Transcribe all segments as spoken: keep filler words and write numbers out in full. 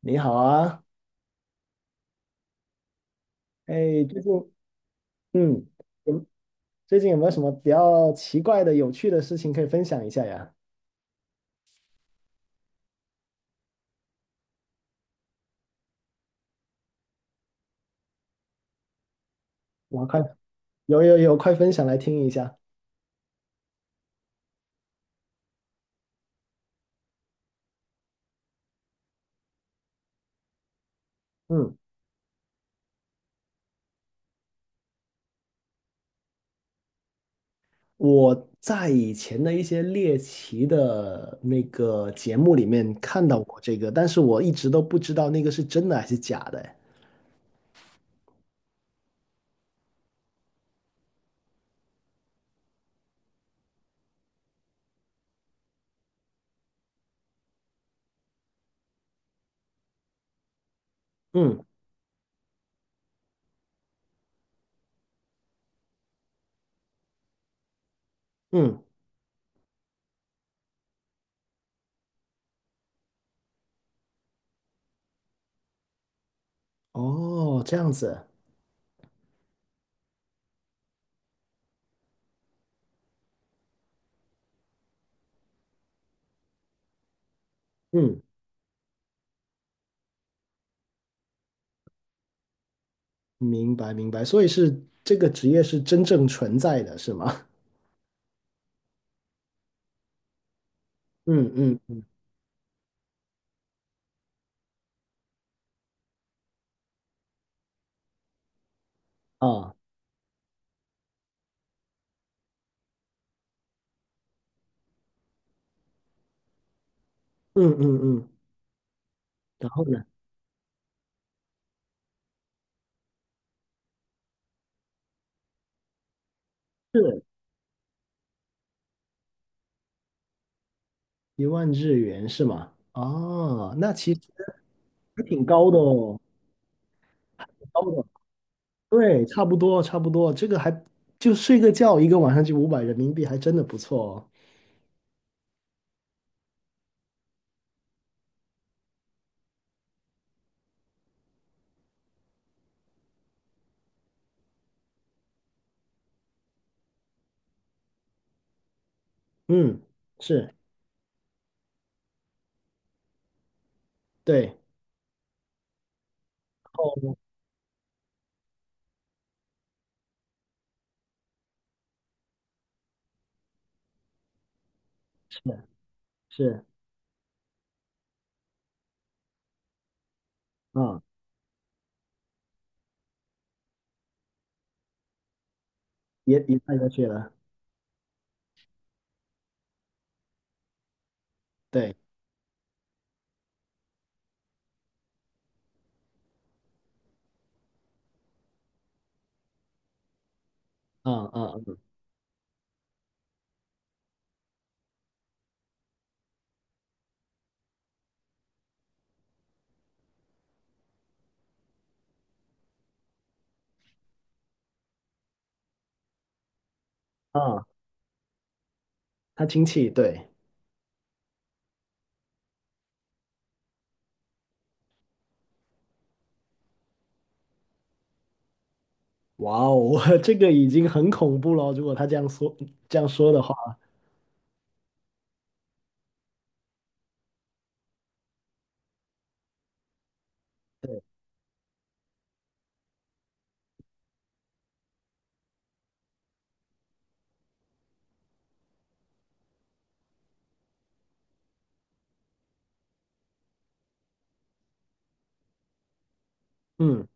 你好啊。哎，最近，嗯，有最近有没有什么比较奇怪的、有趣的事情可以分享一下呀？我快，有有有，快分享来听一下。嗯，我在以前的一些猎奇的那个节目里面看到过这个，但是我一直都不知道那个是真的还是假的哎。嗯嗯。哦，这样子。嗯，明白明白，所以是这个职业是真正存在的，是吗？嗯嗯嗯。啊，嗯嗯嗯，然后呢？是，一万日元是吗？哦，那其实还挺高的哦，挺高的。对，差不多，差不多。这个还就睡个觉，一个晚上就五百人民币，还真的不错哦。嗯，是。对。哦，是是啊，也也太过去了。对。啊啊啊，他亲戚，对。哇哦，这个已经很恐怖了。如果他这样说这样说的话，嗯。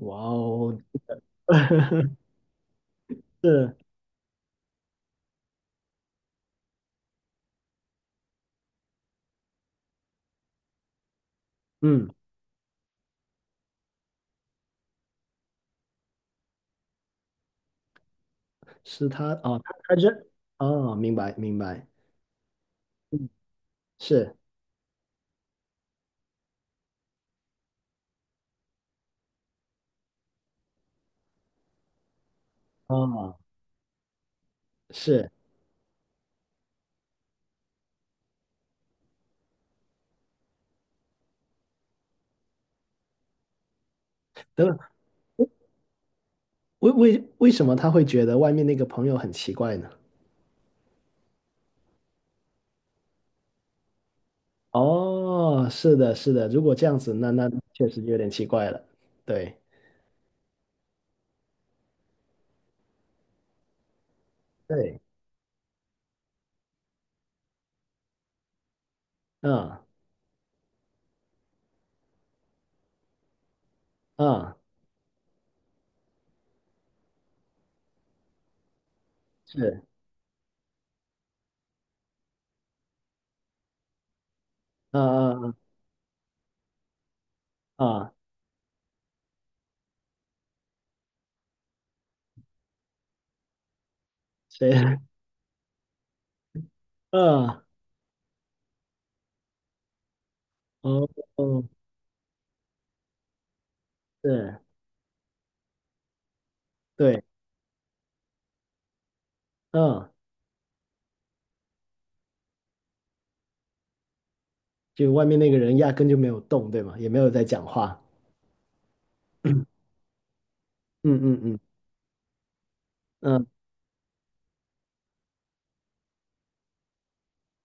哇哦，是。嗯。是他哦，他他认哦，明白明白。嗯，是。哦，是。等等，为为为什么他会觉得外面那个朋友很奇怪呢？哦，是的，是的，如果这样子，那那确实有点奇怪了。对对。嗯嗯。是。嗯嗯嗯。嗯，谁？嗯。 哦哦。对对。嗯，就外面那个人压根就没有动，对吗？也没有在讲话。嗯嗯嗯。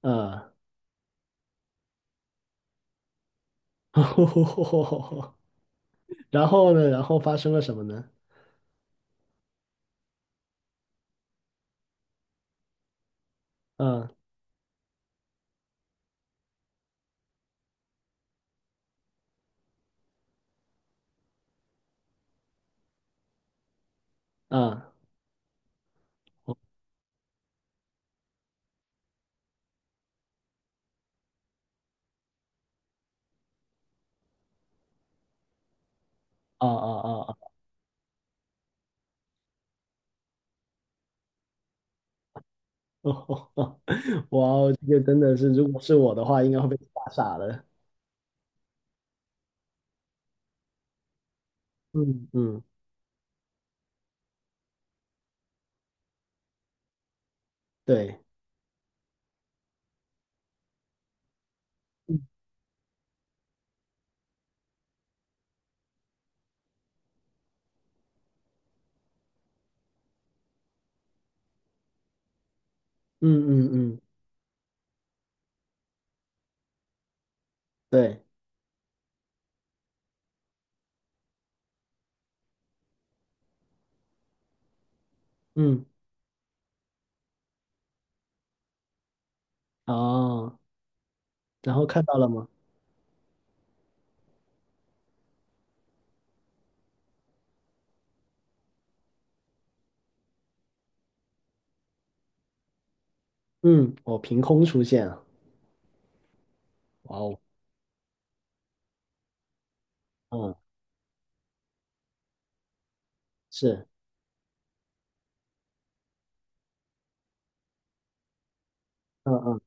嗯嗯。然后呢，然后发生了什么呢？嗯嗯。哦哦。哦哦哦！哦。 哇哦，这个真的是，如果是我的话，应该会被吓傻了。嗯嗯。对。嗯嗯嗯。嗯。对。嗯。哦，然后看到了吗？嗯，我凭空出现了。哇哦。嗯。是。嗯嗯。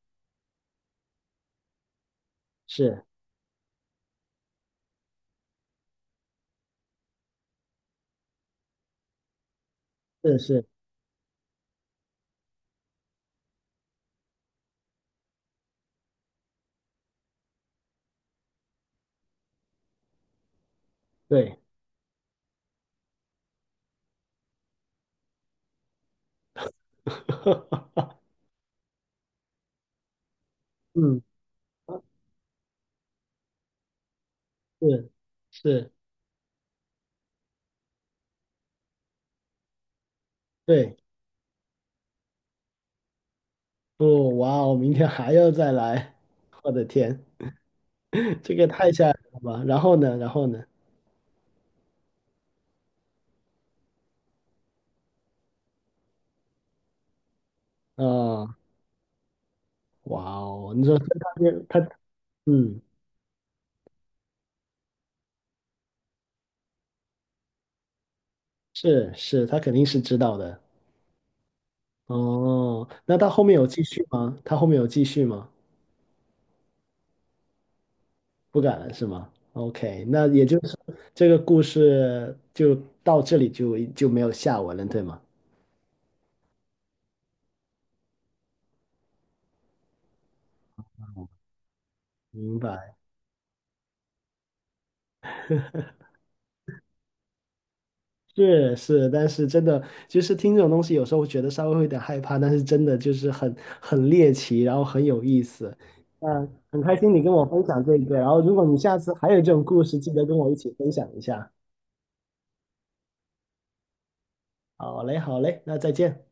是是是。对。哈哈哈。嗯，是是。对。不，哇哦，明天还要再来，我的天！这个太吓人了吧？然后呢？然后呢？啊！哇哦，你说他是他。嗯，是是，他肯定是知道的。哦，那他后面有继续吗？他后面有继续吗？不敢了是吗？OK，那也就是这个故事就到这里就就没有下文了，对吗？明白。是是，但是真的就是听这种东西，有时候会觉得稍微会有点害怕，但是真的就是很很猎奇，然后很有意思。嗯，很开心你跟我分享这个，然后如果你下次还有这种故事，记得跟我一起分享一下。好嘞，好嘞，那再见。